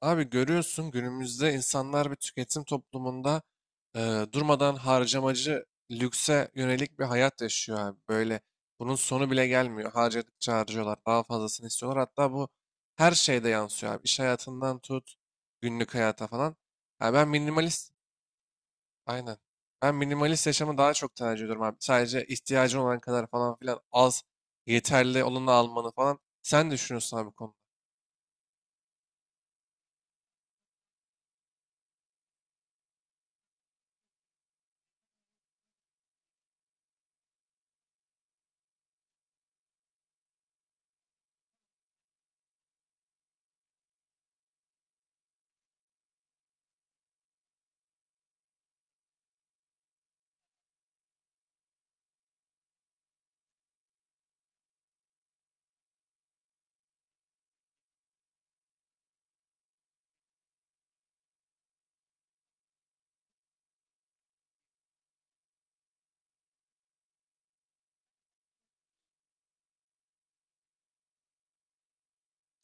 Abi görüyorsun günümüzde insanlar bir tüketim toplumunda durmadan harcamacı lükse yönelik bir hayat yaşıyor abi. Böyle bunun sonu bile gelmiyor. Harcadıkça harcıyorlar. Daha fazlasını istiyorlar. Hatta bu her şeyde yansıyor abi. İş hayatından tut günlük hayata falan. Ha, ben minimalist aynen. Ben minimalist yaşamı daha çok tercih ediyorum abi. Sadece ihtiyacın olan kadar falan filan az yeterli olanı almanı falan. Sen ne düşünüyorsun abi bu konuda?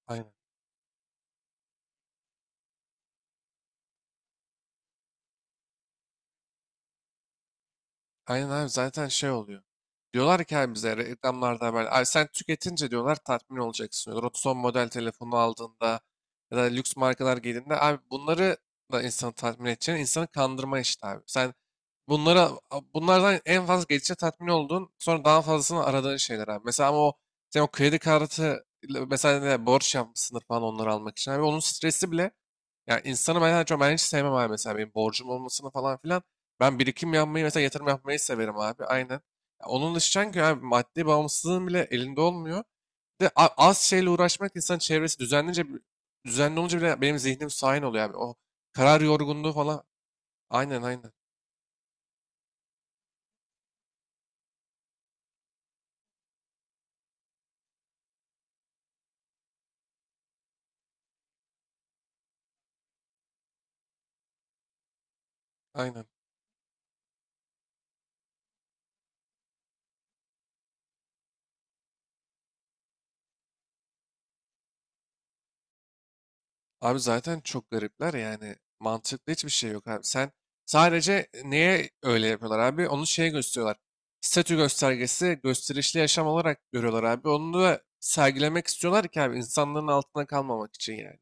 Aynen. Aynen abi zaten şey oluyor. Diyorlar ki abi bize reklamlarda haber. Abi sen tüketince diyorlar tatmin olacaksın diyorlar. O son model telefonu aldığında ya da lüks markalar giydiğinde abi bunları da insanı tatmin edeceğini insanı kandırma işte abi. Sen bunlara bunlardan en fazla geçici tatmin olduğun sonra daha fazlasını aradığın şeyler abi. Mesela ama o sen o kredi kartı ile mesela ne, borç yapmışsındır falan onları almak için abi. Onun stresi bile yani insanı ben hiç sevmem abi mesela benim borcum olmasını falan filan. Ben birikim yapmayı mesela yatırım yapmayı severim abi. Aynen. Ya onun dışı ki abi maddi bağımsızlığın bile elinde olmuyor. Bir de az şeyle uğraşmak insan çevresi düzenlince düzenli olunca bile benim zihnim sakin oluyor abi. O karar yorgunluğu falan. Aynen aynen. Aynen. Abi zaten çok garipler yani. Mantıklı hiçbir şey yok abi. Sen sadece neye öyle yapıyorlar abi? Onu şeye gösteriyorlar. Statü göstergesi gösterişli yaşam olarak görüyorlar abi. Onu da sergilemek istiyorlar ki abi insanların altına kalmamak için yani.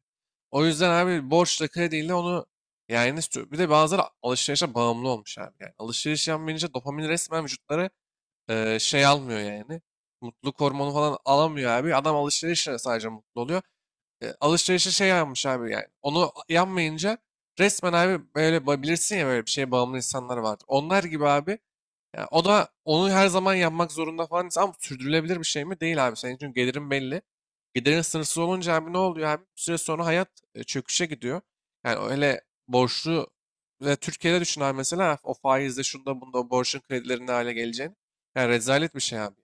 O yüzden abi borçla krediyle onu yani bir de bazıları alışverişe bağımlı olmuş abi. Yani alışveriş yapmayınca dopamin resmen vücutları şey almıyor yani. Mutluluk hormonu falan alamıyor abi. Adam alışverişle sadece mutlu oluyor. Alışverişe şey yapmış abi yani. Onu yanmayınca resmen abi böyle bilirsin ya böyle bir şeye bağımlı insanlar vardır. Onlar gibi abi ya o da onu her zaman yapmak zorunda falan insan ama sürdürülebilir bir şey mi? Değil abi. Senin çünkü gelirin belli. Gelirin sınırsız olunca abi ne oluyor abi? Bir süre sonra hayat çöküşe gidiyor. Yani öyle borçlu ve Türkiye'de düşün abi mesela o faizde şunda bunda o borcun kredilerinde hale geleceğini. Yani rezalet bir şey abi.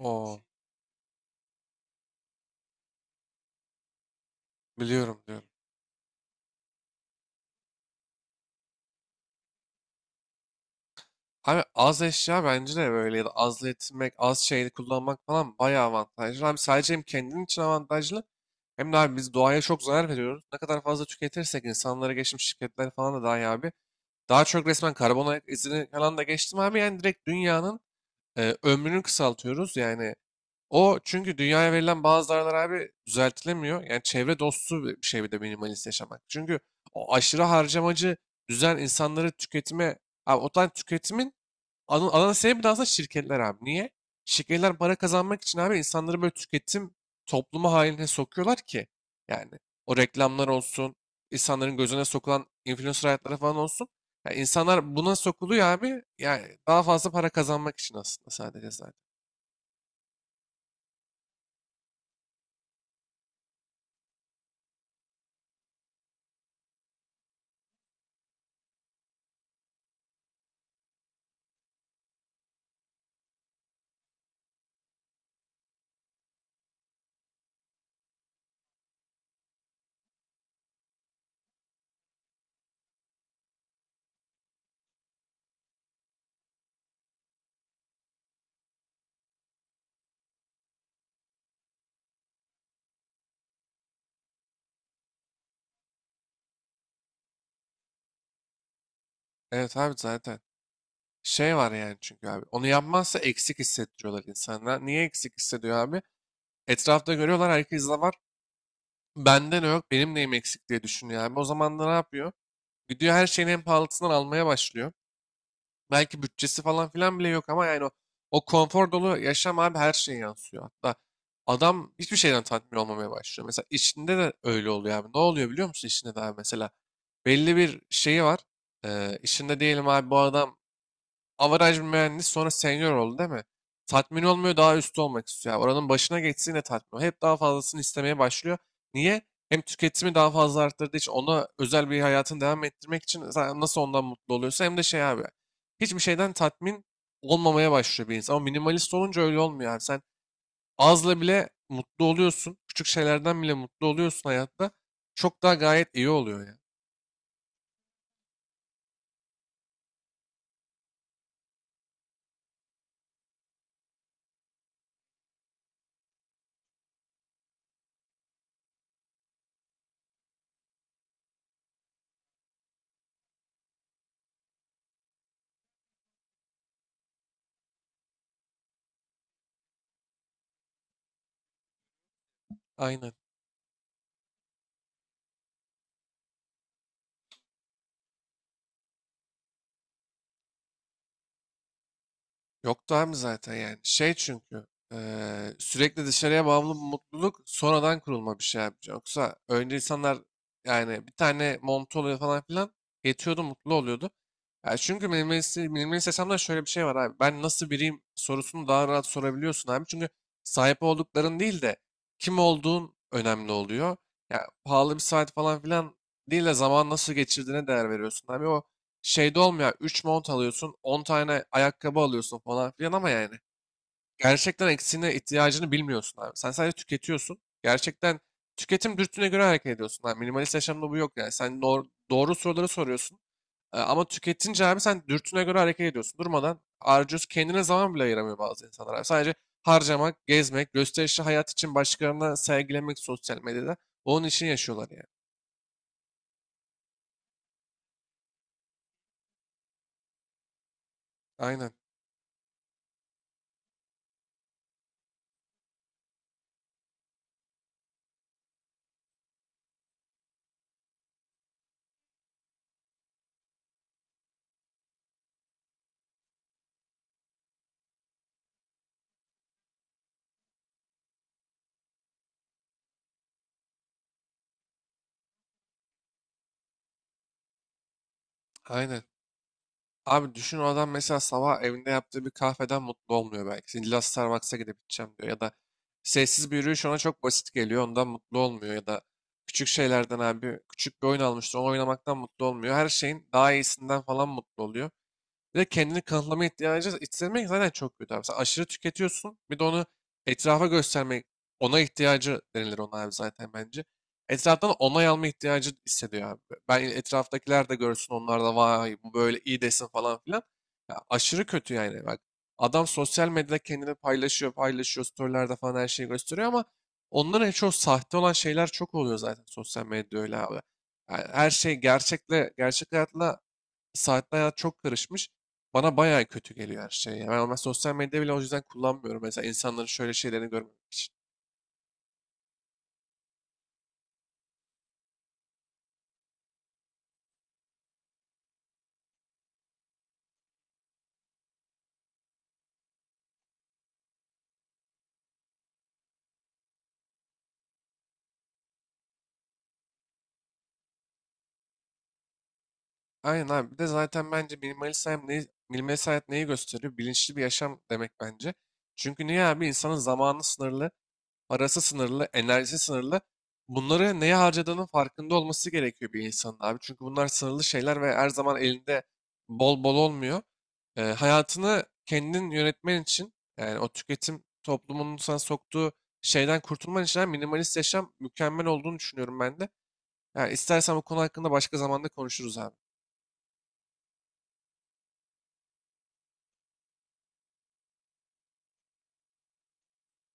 O biliyorum diyorum. Abi az eşya bence de böyle ya da az yetinmek, az şeyi kullanmak falan bayağı avantajlı. Abi sadece hem kendin için avantajlı hem de abi biz doğaya çok zarar veriyoruz. Ne kadar fazla tüketirsek insanlara geçmiş şirketler falan da dahi abi. Daha çok resmen karbon ayak izini falan da geçtim abi. Yani direkt dünyanın ömrünü kısaltıyoruz. Yani o çünkü dünyaya verilen bazı zararlar abi düzeltilemiyor. Yani çevre dostu bir şey bir de minimalist yaşamak. Çünkü o aşırı harcamacı düzen insanları tüketime, abi o tane tüketimin ana sebep de aslında şirketler abi. Niye? Şirketler para kazanmak için abi insanları böyle tüketim toplumu haline sokuyorlar ki. Yani o reklamlar olsun, insanların gözüne sokulan influencer hayatları falan olsun. Yani insanlar buna sokuluyor abi. Yani daha fazla para kazanmak için aslında sadece zaten. Evet abi zaten. Şey var yani çünkü abi. Onu yapmazsa eksik hissettiriyorlar insanlar. Niye eksik hissediyor abi? Etrafta görüyorlar herkes de var. Benden yok, benim neyim eksik diye düşünüyor abi. O zaman da ne yapıyor? Gidiyor her şeyin en pahalısından almaya başlıyor. Belki bütçesi falan filan bile yok ama yani o konfor dolu yaşam abi her şeye yansıyor. Hatta adam hiçbir şeyden tatmin olmamaya başlıyor. Mesela işinde de öyle oluyor abi. Ne oluyor biliyor musun işinde de abi mesela? Belli bir şeyi var. İşinde diyelim abi bu adam average bir mühendis sonra senior oldu değil mi? Tatmin olmuyor daha üstü olmak istiyor. Yani oranın başına geçsin de tatmin olmuyor. Hep daha fazlasını istemeye başlıyor. Niye? Hem tüketimi daha fazla arttırdığı için ona özel bir hayatını devam ettirmek için sen nasıl ondan mutlu oluyorsa hem de şey abi. Hiçbir şeyden tatmin olmamaya başlıyor bir insan. Ama minimalist olunca öyle olmuyor abi. Sen azla bile mutlu oluyorsun. Küçük şeylerden bile mutlu oluyorsun hayatta. Çok daha gayet iyi oluyor ya. Aynen. Yoktu abi zaten yani. Şey çünkü sürekli dışarıya bağımlı bir mutluluk sonradan kurulma bir şey abi. Yoksa önce insanlar yani bir tane montu oluyor falan filan yetiyordu mutlu oluyordu. Ya çünkü minimalist yaşamda şöyle bir şey var abi. Ben nasıl biriyim sorusunu daha rahat sorabiliyorsun abi. Çünkü sahip oldukların değil de kim olduğun önemli oluyor. Ya pahalı bir saat falan filan değil de zaman nasıl geçirdiğine değer veriyorsun abi. O şeyde olmuyor. 3 mont alıyorsun, 10 tane ayakkabı alıyorsun falan filan ama yani gerçekten eksiğine ihtiyacını bilmiyorsun abi. Sen sadece tüketiyorsun. Gerçekten tüketim dürtüne göre hareket ediyorsun abi. Minimalist yaşamda bu yok yani. Sen doğru soruları soruyorsun. Ama tüketince abi sen dürtüne göre hareket ediyorsun. Durmadan harcıyorsun. Kendine zaman bile ayıramıyor bazı insanlar abi. Sadece harcamak, gezmek, gösterişli hayat için başkalarına sergilemek sosyal medyada. Onun için yaşıyorlar yani. Aynen. Aynen. Abi düşün o adam mesela sabah evinde yaptığı bir kahveden mutlu olmuyor belki. İlla Starbucks'a gidip içeceğim diyor. Ya da sessiz bir yürüyüş ona çok basit geliyor. Ondan mutlu olmuyor. Ya da küçük şeylerden abi küçük bir oyun almıştır. Onu oynamaktan mutlu olmuyor. Her şeyin daha iyisinden falan mutlu oluyor. Bir de kendini kanıtlama ihtiyacı hissetmek zaten çok kötü abi. Sen aşırı tüketiyorsun. Bir de onu etrafa göstermek, ona ihtiyacı denilir ona abi zaten bence. Etraftan onay alma ihtiyacı hissediyor abi. Ben etraftakiler de görsün onlar da vay bu böyle iyi desin falan filan. Ya aşırı kötü yani bak. Adam sosyal medyada kendini paylaşıyor, storylerde falan her şeyi gösteriyor ama onların en çok sahte olan şeyler çok oluyor zaten sosyal medyada öyle abi. Yani her şey gerçek hayatla saatli hayat çok karışmış. Bana bayağı kötü geliyor her şey. Ya. Ben ama sosyal medya bile o yüzden kullanmıyorum. Mesela insanların şöyle şeylerini görmek için. Aynen abi. Bir de zaten bence minimalist minimalist hayat neyi gösteriyor? Bilinçli bir yaşam demek bence. Çünkü niye abi? İnsanın zamanı sınırlı. Parası sınırlı, enerjisi sınırlı. Bunları neye harcadığının farkında olması gerekiyor bir insanın abi. Çünkü bunlar sınırlı şeyler ve her zaman elinde bol bol olmuyor. Hayatını kendin yönetmen için yani o tüketim toplumunun sana soktuğu şeyden kurtulman için abi minimalist yaşam mükemmel olduğunu düşünüyorum ben de. Yani istersen bu konu hakkında başka zamanda konuşuruz abi.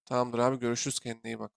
Tamamdır abi görüşürüz kendine iyi bak.